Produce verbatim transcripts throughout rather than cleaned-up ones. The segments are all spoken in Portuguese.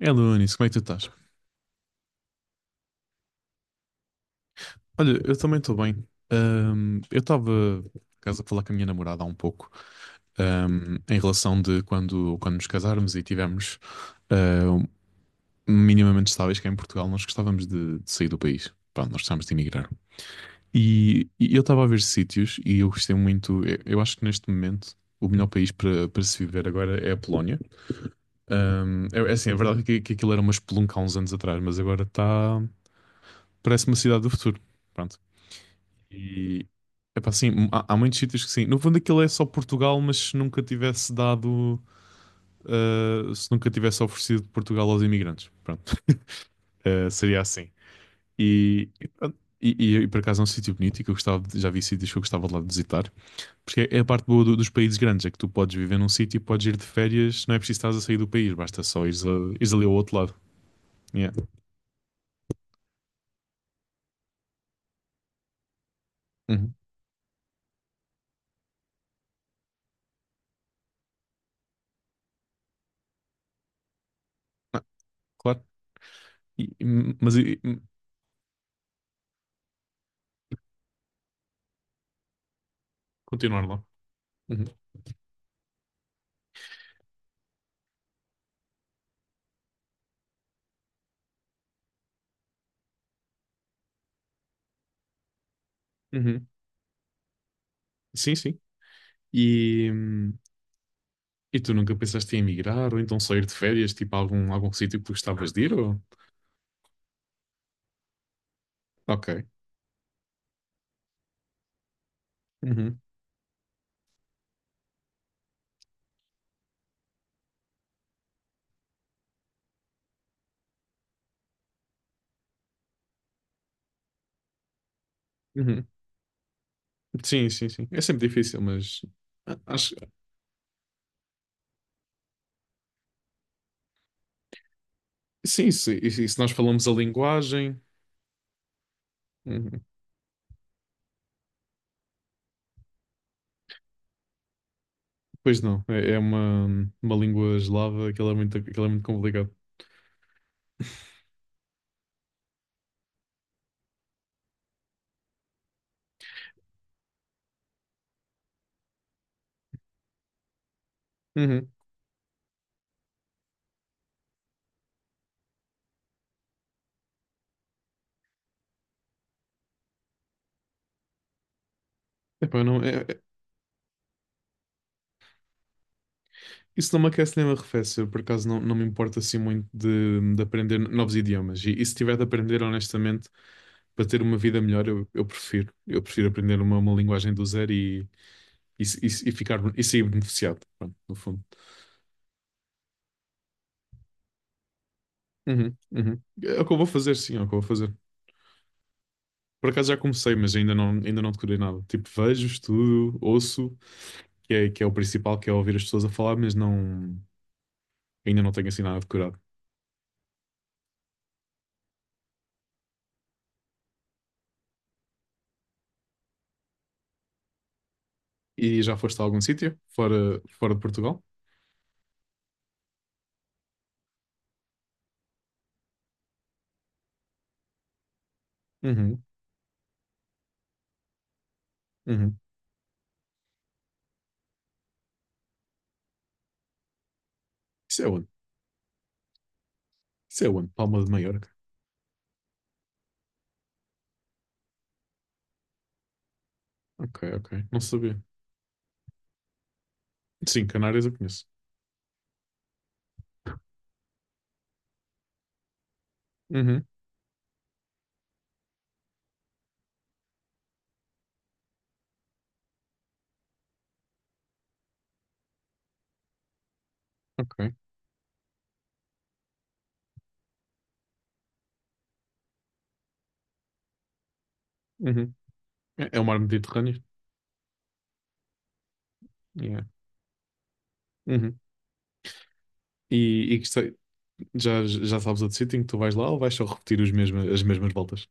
É Anis, como é que tu estás? Olha, eu também estou bem. Ahm, eu estava, por acaso, a falar com a minha namorada há um pouco, ahm, em relação de quando, quando nos casarmos e tivermos ah, um- minimamente estáveis cá em Portugal. Nós gostávamos de, de sair do país. Pronto, nós gostávamos de emigrar. E, e eu estava a ver sítios e eu gostei muito. Eu, eu acho que neste momento o melhor país para, para se viver agora é a Polónia. Ahm, é, é assim, a verdade é que, que aquilo era uma espelunca há uns anos atrás, mas agora está. Parece uma cidade do futuro. Pronto. E epá, assim, há, há muitos sítios que sim. No fundo, aquilo é só Portugal, mas se nunca tivesse dado, eh, se nunca tivesse oferecido Portugal aos imigrantes, pronto, Eh, seria assim. E, e pronto. E- e- e por acaso é um sítio bonito e que eu gostava, de- já vi sítios que eu gostava de lá de visitar, porque é a parte boa do- dos países grandes. É que tu podes viver num sítio e podes ir de férias, não é preciso estar a sair do país, basta só ires, a, ires ali ao outro lado. Yeah. Uhum. Ah, claro. E- e- mas e- e- continuar lá. Uhum. Uhum. Sim, sim. E, hum, E tu nunca pensaste em emigrar ou então sair de férias, tipo a algum, algum sítio que gostavas de ir? Ou... Ok. Uhum, uhum. Sim, sim, sim. É sempre difícil, mas a- acho sim, se, e se e se nós falamos a linguagem, uhum. Pois não, é, é uma, uma língua eslava, aquilo é muito, aquilo é muito complicado. Uhum. Epá, não, é- é- isso não me aquece nem me arrefece. Eu, por acaso não, não me importa assim muito de, de aprender novos idiomas. E, e se tiver de aprender, honestamente, para ter uma vida melhor, eu, eu prefiro. Eu prefiro aprender uma, uma linguagem do zero e, e- e ficar, e sair beneficiado, pronto, no fundo. Uhum, uhum. É o que eu vou fazer, sim, é o que eu vou fazer. Por acaso já comecei, mas ainda não, ainda não decorei nada. Tipo, vejo, estudo, ouço, que é, que é o principal, que é ouvir as pessoas a falar, mas não, ainda não tenho assim nada decorado. E já foste a algum sítio, fora, fora de Portugal? Uhum, uhum. Isso é onde? Isso é onde? Palma de Maiorca. Ok, ok. Não sabia. Sim, Canárias eu conheço. Uhum, ok. Uhum. É, é o mar Mediterrâneo. Yeah. Uhum. E, e gostei- Já, já sabes outro sítio em que tu vais lá ou vais só repetir os mesma- as mesmas voltas?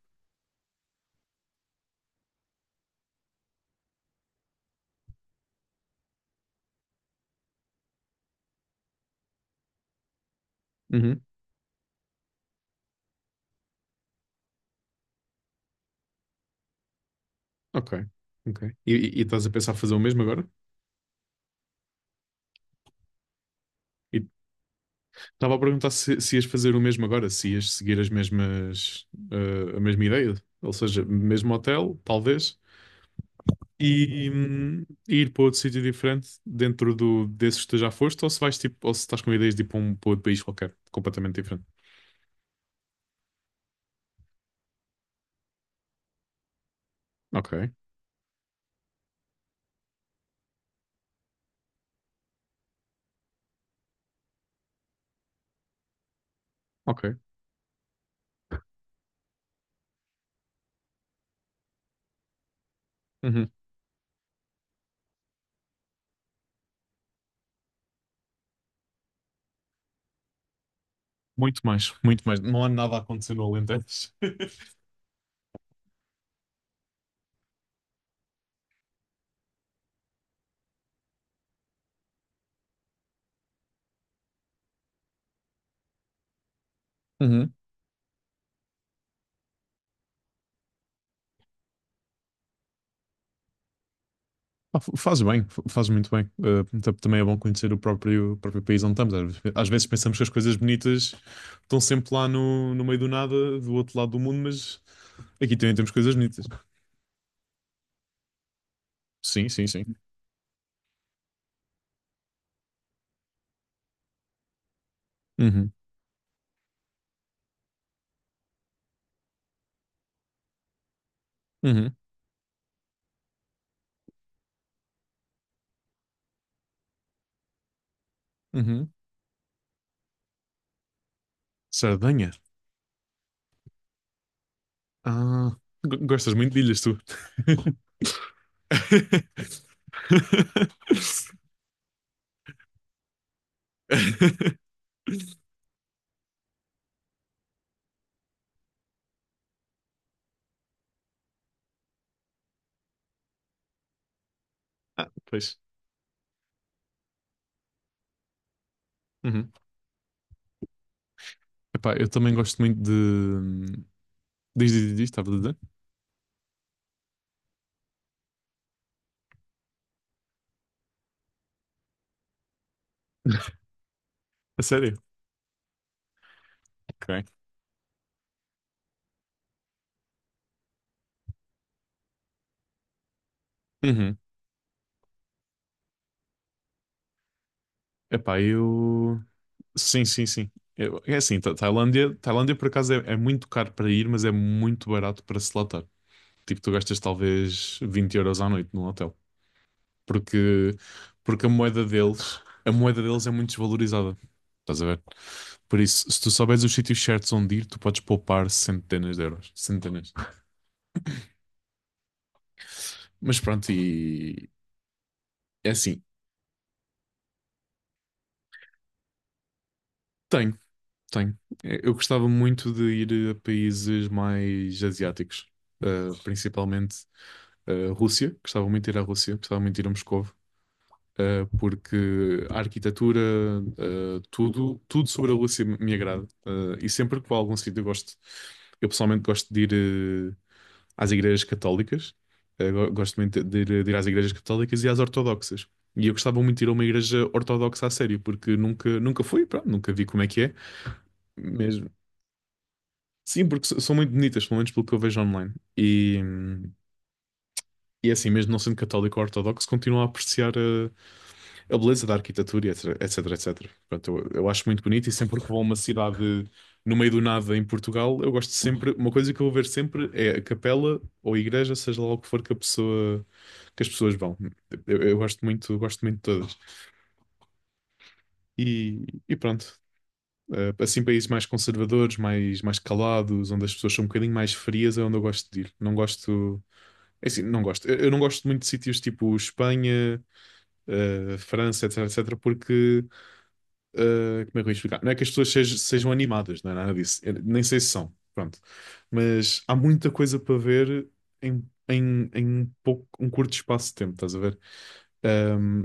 Uhum. Ok, ok. E, e- e estás a pensar fazer o mesmo agora? E estava a perguntar se, se ias fazer o mesmo agora, se ias seguir as mesmas, eh, a mesma ideia, ou seja, mesmo hotel, talvez, e, hum, e ir para outro sítio diferente dentro do, desses que tu já foste, ou se vais tipo, ou se estás com ideias de ir para, um, para outro país qualquer, completamente diferente. Ok, ok. Uhum. Muito mais, muito mais. Não há nada a acontecer no Alentejo. Uhum. Ah, f- faz bem, f- faz muito bem. Eh, tam- também é bom conhecer o próprio, o próprio país onde estamos. Às ve- às vezes pensamos que as coisas bonitas estão sempre lá no, no meio do nada, do outro lado do mundo, mas aqui também temos coisas bonitas. Sim, sim, sim. Uhum, uhum, uhum. Sardenha. Ah, go- gostas muito de ilhas, tu. Ah, pois. Uhum. Epá, eu também gosto muito de. hum, Diz, diz, diz, estava a dizer? A sério? Ok. Uhum. Epá, eu. Sim, sim, sim. Eu- É assim. Tá- Tailândia, Tailândia por acaso é, é muito caro para ir, mas é muito barato para se lá estar. Tipo, tu gastas talvez vinte euros à noite num hotel. Porque, porque a moeda deles, a moeda deles é muito desvalorizada. Estás a ver? Por isso, se tu souberes os sítios certos onde ir, tu podes poupar centenas de euros. Centenas. Mas pronto, e é assim, tenho, tenho. Eh, Eu gostava muito de ir a países mais asiáticos, eh, principalmente. A Rússia, gostava muito de ir à Rússia, gostava muito de ir a Moscovo, eh, porque a arquitetura, eh, tudo, tudo sobre a Rússia me me agrada. Eh, e sempre que vou a algum sítio eu gosto, eu pessoalmente gosto de ir eh, às igrejas católicas. Eh, go- gosto muito de ir, de ir às igrejas católicas e às ortodoxas. E eu gostava muito de ir a uma igreja ortodoxa a sério, porque nunca, nunca fui, pronto, nunca vi como é que é. Mesmo. Sim, porque s- são muito bonitas, pelo menos pelo que eu vejo online. E, hum, e é assim, mesmo não sendo católico ou ortodoxo, continuo a apreciar eh, a beleza da arquitetura, e etc, etc, et cetera. Portanto, eu, eu acho muito bonito e sempre que vou a uma cidade no meio do nada em Portugal, eu gosto sempre, uma coisa que eu vou ver sempre é a capela ou a igreja, seja lá o que for que a pessoa, que as pessoas vão. Eu, eu gosto muito, gosto muito de todas. E, e pronto. Eh, Assim, países mais conservadores, mais, mais calados, onde as pessoas são um bocadinho mais frias, é onde eu gosto de ir. Não gosto. É assim, não gosto. Eu, eu não gosto muito de sítios tipo Espanha, eh, França, etc, etc, porque Uh, como é que eu ia explicar? Não é que as pessoas sej- sejam animadas, não é nada disso. Eu nem sei se são, pronto. Mas há muita coisa para ver em, em, em um pouco, um curto espaço de tempo, estás a ver? Um,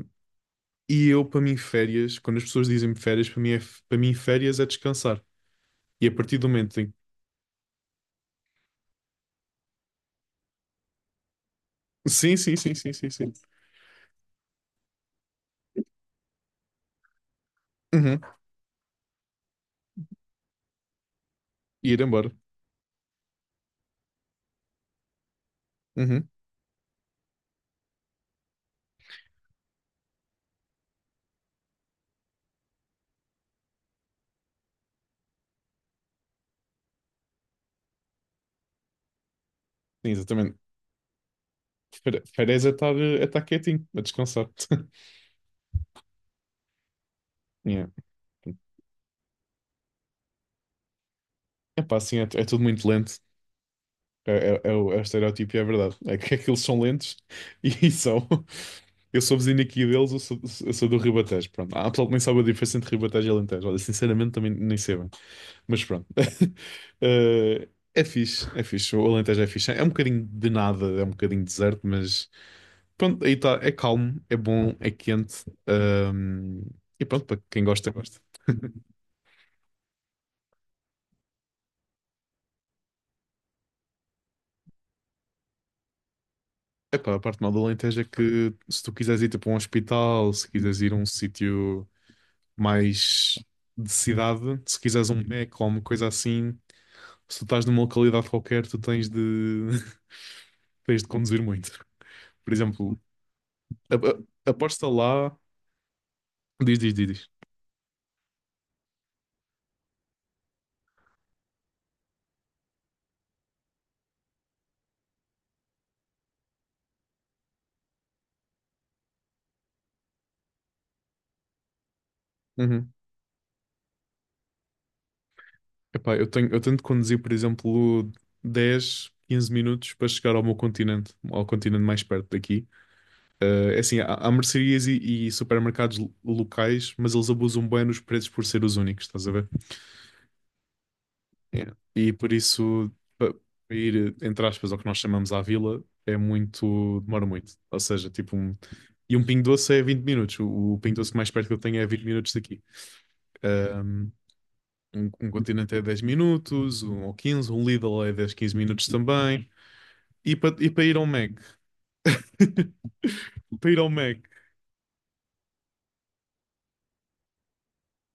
e eu, para mim, férias, quando as pessoas dizem-me férias, para mim, é, para mim, férias é descansar. E a partir do momento em... Sim, sim, sim, sim, sim, sim. Uhum. E ir embora. Uhum. Sim, exatamente. Fer- Férias é estar, é estar quietinho, a descansar. Yeah. Epá, assim, é, é tudo muito lento. É, é- é o, é o estereótipo e é verdade. É que aqueles são lentos e são. Eu sou vizinho aqui deles, eu sou, eu sou do Ribatejo. Pronto. Há pessoal que nem sabe a diferença entre Ribatejo e Alentejo. Olha, sinceramente também nem sei bem. Mas pronto. Eh, é fixe, é fixe. O Alentejo é fixe. É um bocadinho de nada, é um bocadinho deserto, mas pronto, aí está. É calmo, é bom, é quente. Ahm, e pronto, para quem gosta, gosta. Epá, a parte mal do Alentejo é que se tu quiseres ir para um hospital, se quiseres ir a um sítio mais de cidade, se quiseres um Mac ou uma coisa assim, se tu estás numa localidade qualquer, tu tens de, tens de conduzir muito. Por exemplo, a, a- aposta lá. Diz, diz, diz, diz. Uhum. Epá, eu tenho, eu tenho de conduzir, por exemplo, dez, quinze minutos para chegar ao meu continente, ao continente mais perto daqui. Eh, é assim, há, há mercearias e, e supermercados lo- locais, mas eles abusam bem nos preços por ser os únicos, estás a ver? Yeah. E por isso, pa- para ir, eh, entre aspas, ao que nós chamamos à vila, é muito, demora muito. Ou seja, tipo um. E um Pingo Doce é vinte minutos. O, o Pingo Doce mais perto que eu tenho é vinte minutos daqui. Um, um, um Continente é dez minutos, um ou quinze um Lidl é dez quinze minutos também. E para e para ir ao Mac? Para ir ao Mac,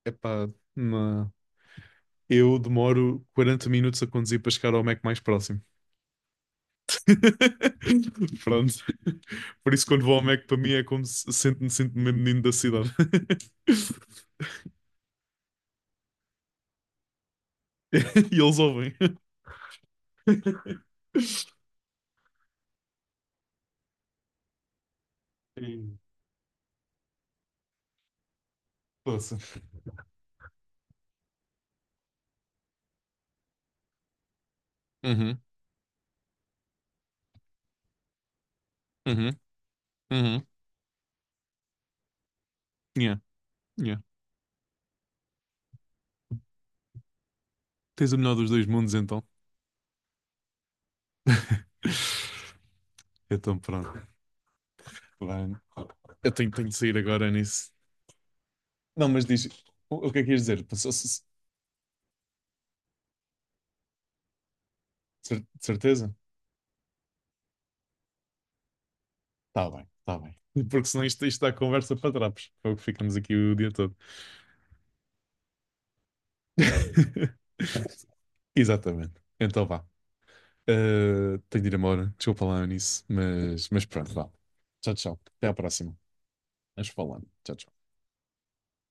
epá, não. Eu demoro quarenta minutos a conduzir para chegar ao Mac mais próximo. Pronto. Por isso, quando vou ao Mac, para mim é como se sinto-me sinto mesmo menino da cidade. E eles ouvem. E- Poça. Uhum, uhum, uhum. Yeah, yeah. Tens o melhor dos dois mundos, então. Então, pronto. Bem, eu tenho, tenho de sair agora nisso. Não, mas diz, o, o que é que ias dizer? Passou- cer- cer- certeza? Está bem, está bem. Porque senão isto, isto dá conversa para trapos. É o que ficamos aqui o dia todo. Exatamente. Então vá. Uh, tenho de ir embora. Desculpa lá nisso. Mas, mas pronto, vá. Tchau, tchau. Até à próxima. Vamos falando. Tchau, tchau.